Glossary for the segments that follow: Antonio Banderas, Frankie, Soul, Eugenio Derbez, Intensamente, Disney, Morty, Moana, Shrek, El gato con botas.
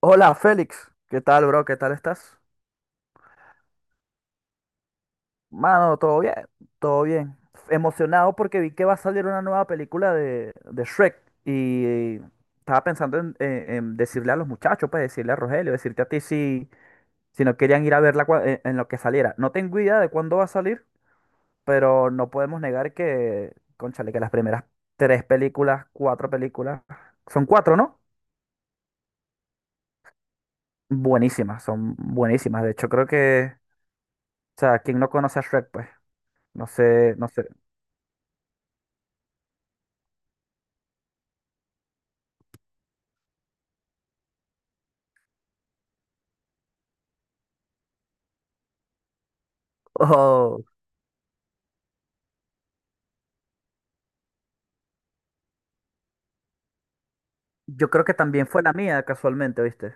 Hola Félix, ¿qué tal bro? ¿Qué tal estás? Mano, todo bien, todo bien. Emocionado porque vi que va a salir una nueva película de Shrek y estaba pensando en decirle a los muchachos, pues decirle a Rogelio, decirte a ti si no querían ir a verla en lo que saliera. No tengo idea de cuándo va a salir, pero no podemos negar que, cónchale, que las primeras tres películas, cuatro películas, son cuatro, ¿no? Buenísimas, son buenísimas. De hecho, o sea, ¿quién no conoce a Shrek, pues. No sé, no sé. Oh, yo creo que también fue la mía, casualmente, ¿viste?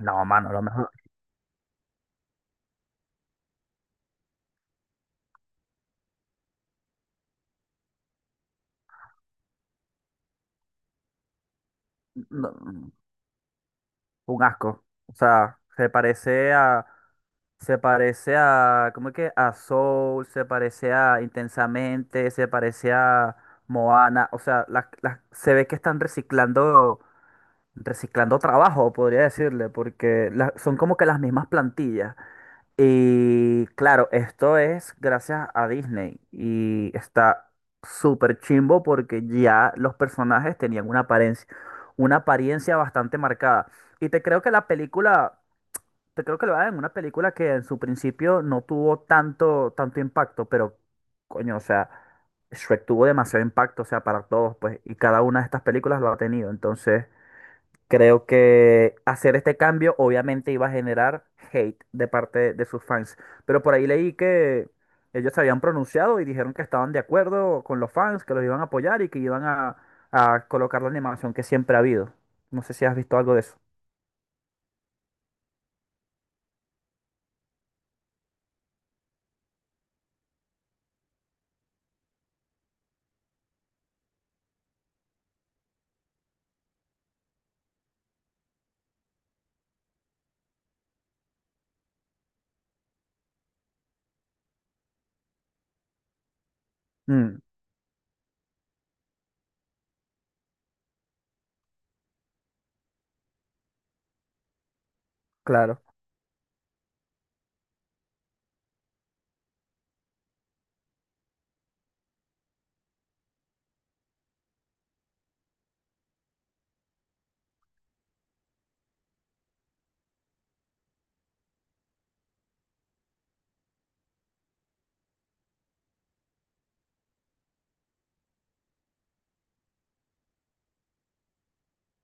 No, mano, lo mejor. No, un asco. O sea, se parece a. Se parece a. ¿Cómo es que? A Soul, se parece a Intensamente, se parece a Moana. O sea, las se ve que están reciclando. Reciclando trabajo, podría decirle, porque la- son como que las mismas plantillas. Y claro, esto es gracias a Disney y está súper chimbo porque ya los personajes tenían una apariencia bastante marcada. Y te creo que la película, te creo que lo hagan en una película que en su principio no tuvo tanto, tanto impacto, pero coño, o sea, Shrek tuvo demasiado impacto, o sea, para todos, pues, y cada una de estas películas lo ha tenido. Entonces, creo que hacer este cambio obviamente iba a generar hate de parte de sus fans. Pero por ahí leí que ellos se habían pronunciado y dijeron que estaban de acuerdo con los fans, que los iban a apoyar y que iban a colocar la animación que siempre ha habido. No sé si has visto algo de eso. Mm, claro,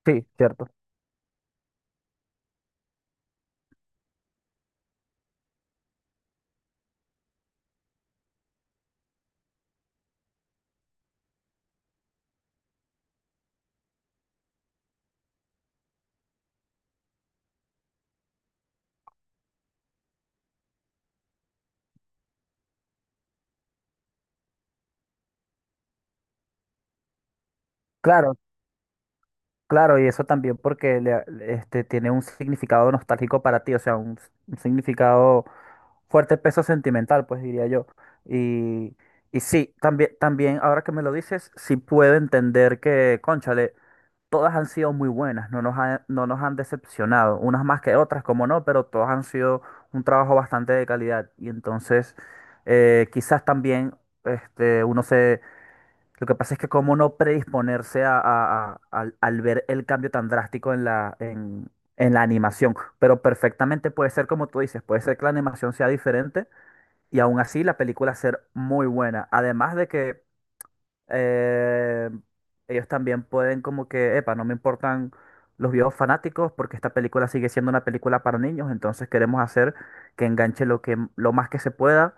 sí, cierto. Claro, claro, y eso también porque le- tiene un significado nostálgico para ti, o sea, un significado fuerte peso sentimental, pues diría yo. Y, y sí, también, también, ahora que me lo dices, sí puedo entender que, cónchale, todas han sido muy buenas, no nos han, no nos han decepcionado, unas más que otras, como no, pero todas han sido un trabajo bastante de calidad. Y entonces, quizás también, uno se... Lo que pasa es que cómo no predisponerse al al, ver el cambio tan drástico en la animación, pero perfectamente puede ser como tú dices, puede ser que la animación sea diferente y aún así la película ser muy buena. Además de que eh, ellos también pueden como que, epa, no me importan los viejos fanáticos porque esta película sigue siendo una película para niños, entonces queremos hacer que enganche lo que, lo más que se pueda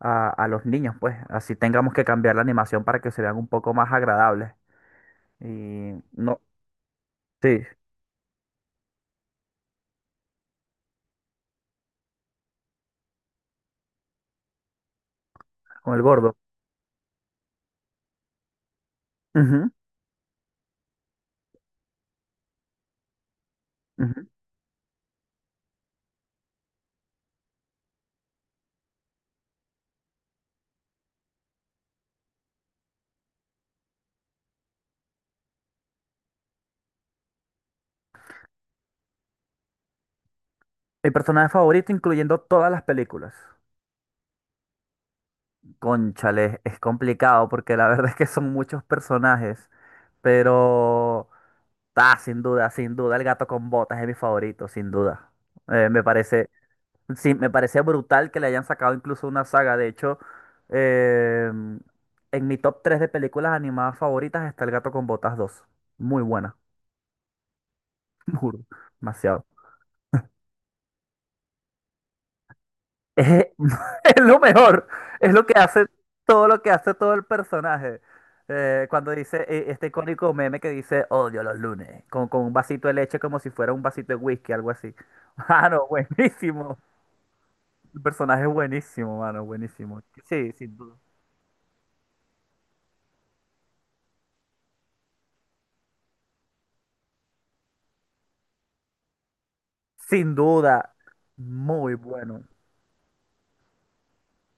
a los niños, pues así tengamos que cambiar la animación para que se vean un poco más agradables. Y no, sí, con el gordo. Ujú, ujú. Mi personaje favorito incluyendo todas las películas. Cónchale, es complicado porque la verdad es que son muchos personajes, pero sin duda, sin duda, el gato con botas es mi favorito, sin duda. Eh, me parece, sí, me parece brutal que le hayan sacado incluso una saga. De hecho, eh, en mi top 3 de películas animadas favoritas está El gato con botas dos. Muy buena, juro, demasiado. Es, es lo mejor, es lo que hace todo el personaje. Cuando dice este icónico meme que dice odio los lunes, con un vasito de leche como si fuera un vasito de whisky, algo así. Mano, buenísimo. El personaje es buenísimo, mano, buenísimo. Sí, sin duda. Sin duda, muy bueno.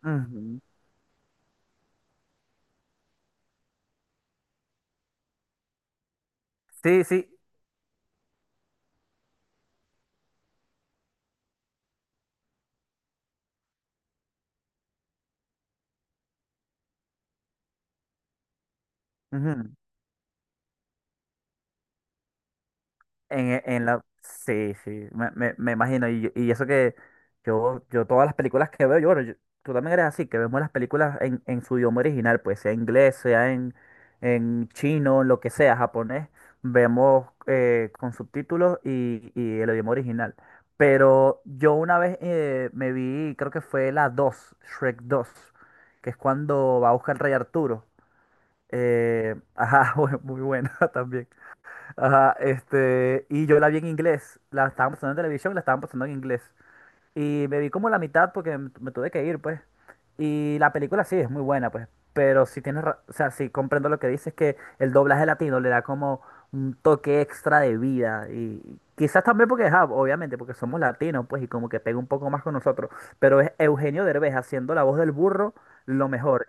Ujú. Sí, sí. Ujú. En, e, en la... Sí, sí, me imagino. Y eso que yo todas las películas que veo, yo, bueno, yo- tú también eres así, que vemos las películas en su idioma original, pues sea inglés, sea en chino, lo que sea, japonés, vemos con subtítulos y el idioma original. Pero yo una vez me vi, creo que fue la 2 Shrek dos, que es cuando va a buscar el Rey Arturo. Ajá, muy muy buena también. Ajá, este, y yo la vi en inglés, la estaban pasando en televisión, y la estaban pasando en inglés. Y me vi como la mitad porque me tuve que ir, pues. Y la película sí es muy buena, pues. Pero sí tienes, ra- o sea, sí comprendo lo que dices, que el doblaje latino le da como un toque extra de vida. Y quizás también porque, ajá, obviamente, porque somos latinos, pues, y como que pega un poco más con nosotros. Pero es Eugenio Derbez haciendo la voz del burro lo mejor.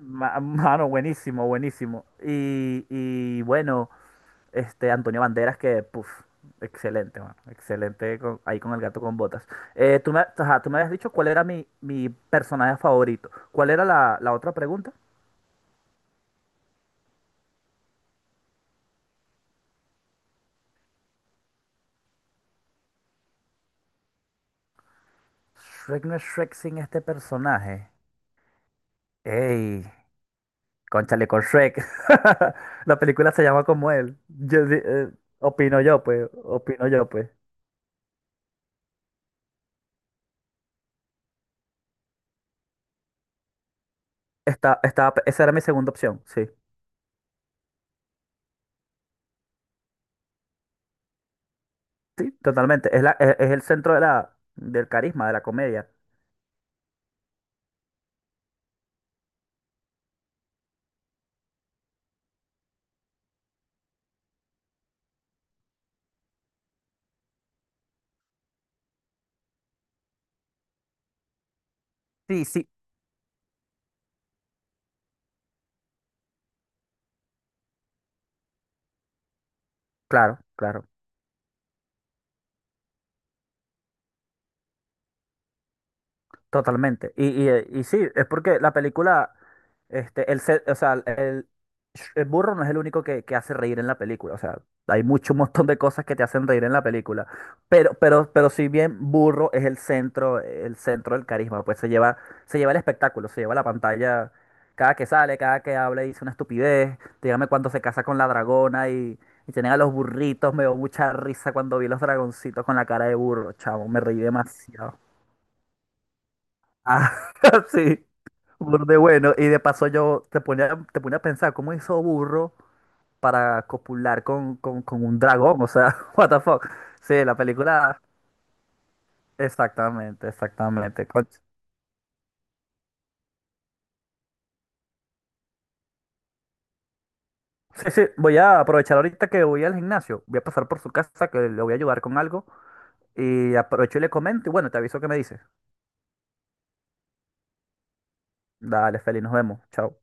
Ma- Mano, buenísimo, buenísimo. Y bueno. Este, Antonio Banderas, que, puf, excelente, mano, excelente con- ahí con el gato con botas. Tú me, ajá, tú me habías dicho cuál era mi personaje favorito. ¿Cuál era la otra pregunta? Shrek no es Shrek sin este personaje. ¡Ey! Cónchale con Shrek. La película se llama como él. Opino yo, pues. Opino yo, pues. Esa era mi segunda opción, sí. Sí, totalmente. Es la, es el centro de la, del carisma, de la comedia. Sí, sí. Claro, claro. Totalmente. Y sí, es porque la película, este, o sea, el burro no es el único que hace reír en la película. O sea, hay mucho, un montón de cosas que te hacen reír en la película. Pero si bien burro es el centro del carisma, pues se lleva el espectáculo, se lleva la pantalla. Cada que sale, cada que habla y dice una estupidez. Dígame cuando se casa con la dragona y tienen a los burritos. Me dio mucha risa cuando vi los dragoncitos con la cara de burro, chavo. Me reí demasiado. Ah, sí, burde bueno. Y de paso yo te ponía a pensar, ¿cómo hizo Burro para copular con un dragón? O sea, what the fuck. Sí, la película, exactamente, exactamente. Con- Sí, sí, voy a aprovechar ahorita que voy al gimnasio. Voy a pasar por su casa, que le voy a ayudar con algo. Y aprovecho y le comento. Y bueno, te aviso que me dice. Dale, Feli, nos vemos. Chao.